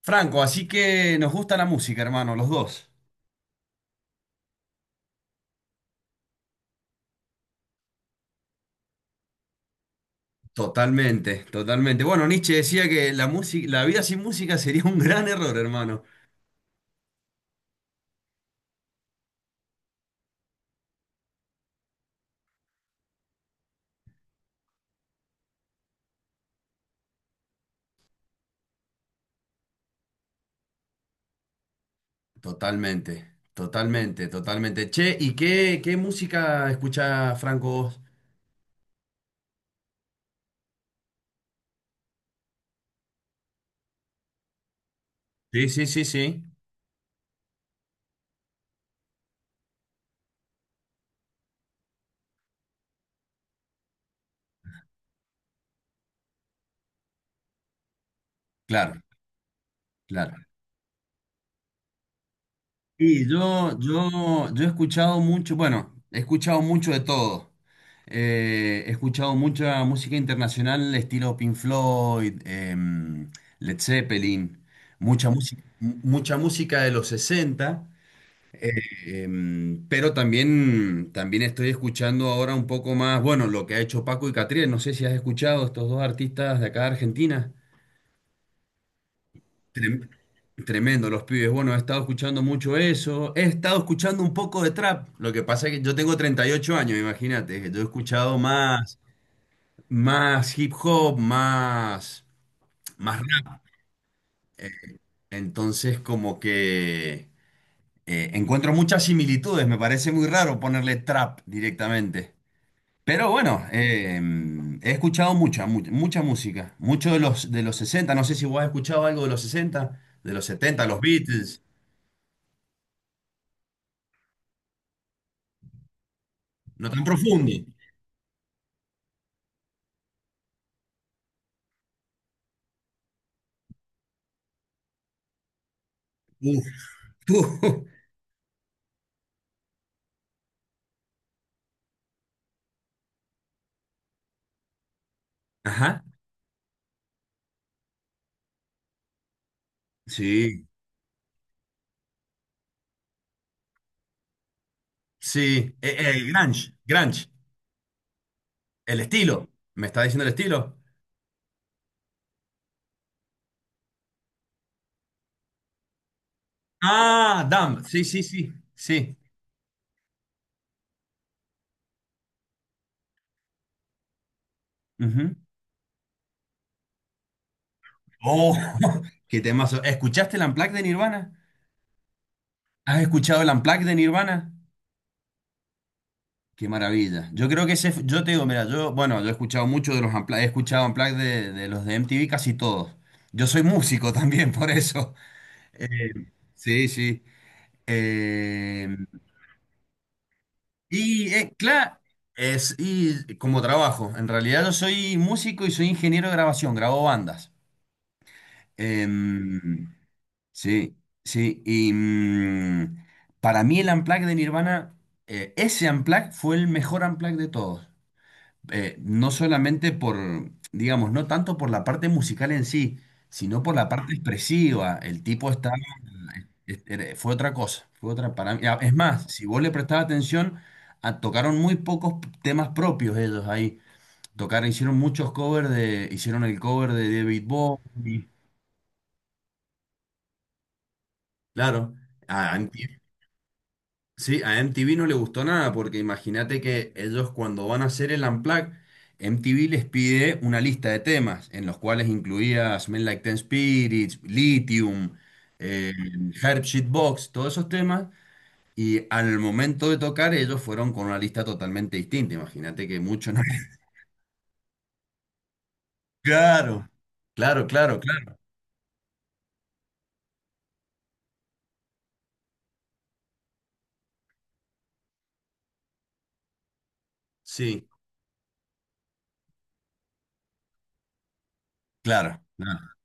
Franco, así que nos gusta la música, hermano, los dos. Totalmente, totalmente. Bueno, Nietzsche decía que la música, la vida sin música sería un gran error, hermano. Totalmente, totalmente, totalmente. Che, ¿y qué música escucha Franco vos? Sí, sí, sí, sí. Claro, claro. Sí, yo he escuchado mucho, bueno, he escuchado mucho de todo. He escuchado mucha música internacional, estilo Pink Floyd, Led Zeppelin, mucha música de los sesenta. eh, pero también estoy escuchando ahora un poco más, bueno, lo que ha hecho Paco y Catriel. No sé si has escuchado estos dos artistas de acá de Argentina. Trem- Tremendo, los pibes. Bueno, he estado escuchando mucho eso. He estado escuchando un poco de trap. Lo que pasa es que yo tengo 38 años, imagínate. Yo he escuchado más, más hip hop, más, más rap. Entonces, como que encuentro muchas similitudes. Me parece muy raro ponerle trap directamente. Pero bueno, he escuchado mucha música. Mucho de de los sesenta. No sé si vos has escuchado algo de los sesenta, de los setenta, los Beatles. No tan profundo. Uf, uf. Ajá. Sí, sí. Grunge, grunge. El estilo. ¿Me está diciendo el estilo? Ah, Damn. Sí, sí, sí. Sí. Ujú. Oh, qué temazo. ¿Escuchaste el Unplugged de Nirvana? ¿Has escuchado el Unplugged de Nirvana? Qué maravilla. Yo creo que ese, yo te digo, mira, yo, bueno, yo he escuchado mucho de los Unplugged, he escuchado Unplugged de los de MTV casi todos. Yo soy músico también, por eso. Eh, sí, sí. Eh, y claro, es y como trabajo. En realidad yo soy músico y soy ingeniero de grabación, grabo bandas. Em, sí, sí. Y para mí el Unplugged de Nirvana, ese Unplugged fue el mejor Unplugged de todos. No solamente por, digamos, no tanto por la parte musical en sí, sino por la parte expresiva. El tipo está, fue otra cosa, fue otra para mí. Ah, es más, si vos le prestabas atención, tocaron muy pocos temas propios ellos ahí. Tocaron, hicieron muchos covers de, hicieron el cover de David Bowie, claro. Sí, a MTV no le gustó nada porque imagínate que ellos cuando van a hacer el Unplugged, MTV les pide una lista de temas en los cuales incluía Smell Like Teen Spirits, Lithium, eh, Herb Box, todos esos temas, y al momento de tocar ellos fueron con una lista totalmente distinta. Imagínate que mucho no. Claro, claro, claro, claro. Sí, claro, claro.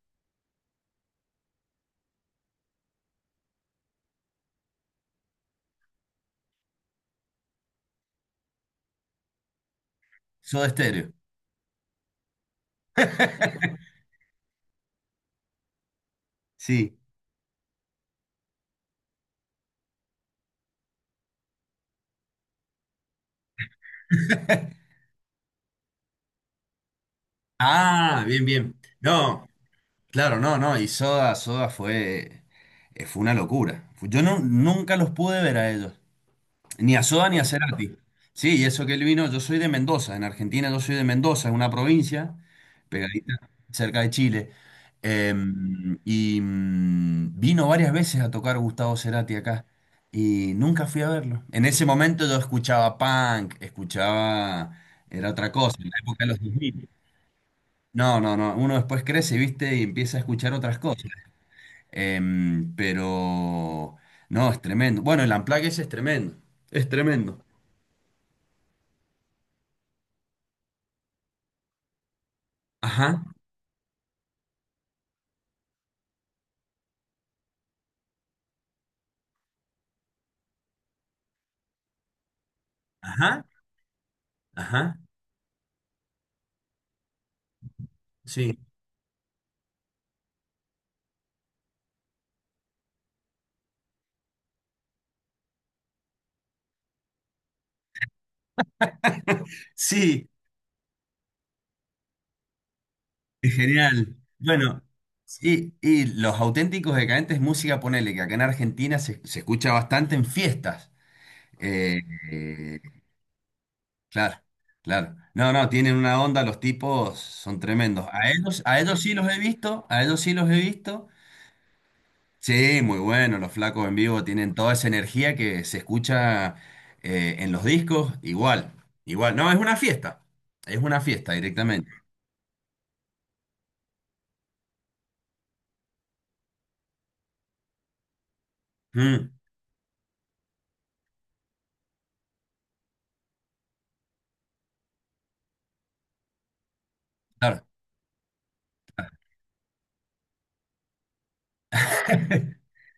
Soda Stereo. Sí. Ah, bien, bien. No. Claro, no, no, y Soda fue, fue una locura. Yo no, nunca los pude ver a ellos, ni a Soda ni a Cerati. Sí, y eso que él vino, yo soy de Mendoza, en Argentina, yo soy de Mendoza, es una provincia pegadita cerca de Chile. Y vino varias veces a tocar Gustavo Cerati acá y nunca fui a verlo. En ese momento yo escuchaba punk, escuchaba, era otra cosa, en la época de los 2000. No, no, no, uno después crece, viste, y empieza a escuchar otras cosas. Pero no, es tremendo. Bueno, el Unplugged ese es tremendo. Es tremendo. Ajá, ajá, ajá, sí. Sí, es genial. Bueno, sí, y los auténticos decadentes, música, ponele, que acá en Argentina se, se escucha bastante en fiestas. Eh, eh, claro, claro. No, no, tienen una onda, los tipos son tremendos. A ellos sí los he visto, a ellos sí los he visto. Sí, muy bueno, los flacos en vivo tienen toda esa energía que se escucha en los discos, igual, igual, no, es una fiesta directamente. Mm, claro.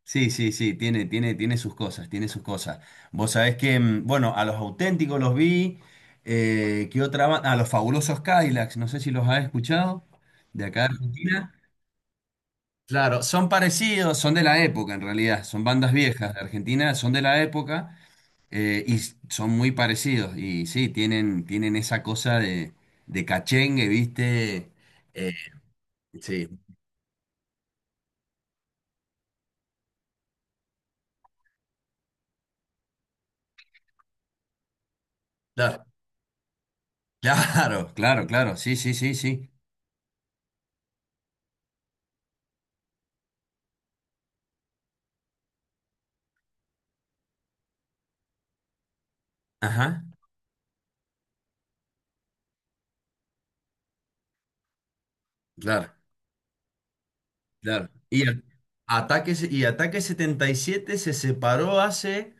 Sí, sí, sí, tiene, tiene, tiene sus cosas, tiene sus cosas. Vos sabés que, bueno, a los auténticos los vi, ¿qué otra banda? A los fabulosos Cadillacs, no sé si los has escuchado, de acá de Argentina. Claro, son parecidos, son de la época en realidad, son bandas viejas de Argentina, son de la época. Y son muy parecidos, y sí, tienen, tienen esa cosa de cachengue, ¿viste? Eh, sí, claro, claro, claro, claro, sí, sí, sí, sí. Ajá, claro, claro. Ataque, y Ataque 77 se separó hace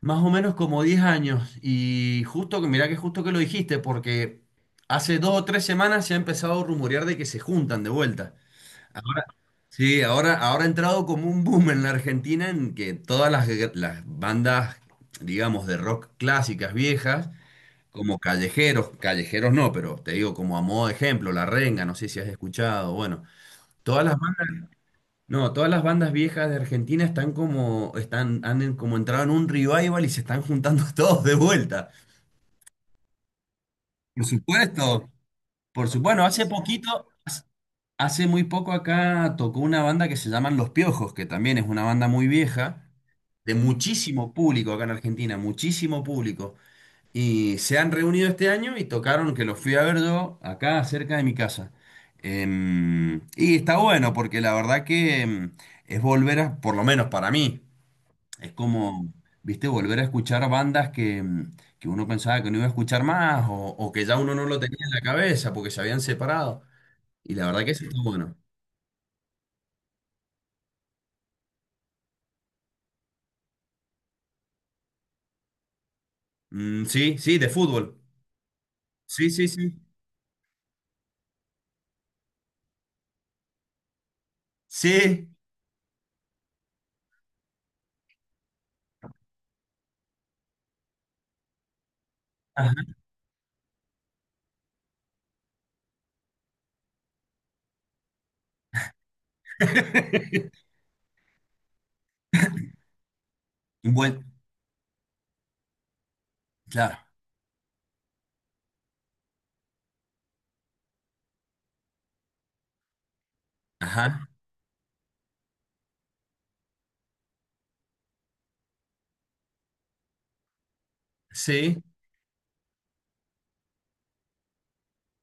más o menos como 10 años, y justo que, mirá que justo que lo dijiste, porque hace dos o tres semanas se ha empezado a rumorear de que se juntan de vuelta. Sí, ahora ha entrado como un boom en la Argentina en que las bandas, digamos, de rock clásicas viejas, como callejeros, callejeros no, pero te digo como a modo de ejemplo, La Renga, no sé si has escuchado, bueno, todas las bandas, no, todas las bandas viejas de Argentina están como, están, como entrado en un revival y se están juntando todos de vuelta. Por supuesto, por supuesto, bueno, hace poquito, hace muy poco acá tocó una banda que se llaman Los Piojos, que también es una banda muy vieja de muchísimo público acá en Argentina, muchísimo público. Y se han reunido este año y tocaron, que los fui a ver yo, acá cerca de mi casa. Y está bueno porque la verdad que es volver a, por lo menos para mí, es como, viste, volver a escuchar bandas que, que uno pensaba que no iba a escuchar más, o que ya uno no lo tenía en la cabeza porque se habían separado. Y la verdad que eso está bueno. Mm, sí, sí, de fútbol. Sí, sí, sí. Sí. Ajá. Buen- Claro. Ajá. Sí.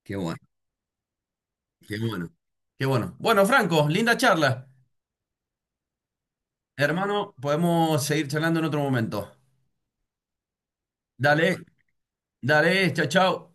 Qué bueno. Qué bueno. Qué bueno. Bueno, Franco, linda charla. Hermano, podemos seguir charlando en otro momento. Dale, dale, chao, chao.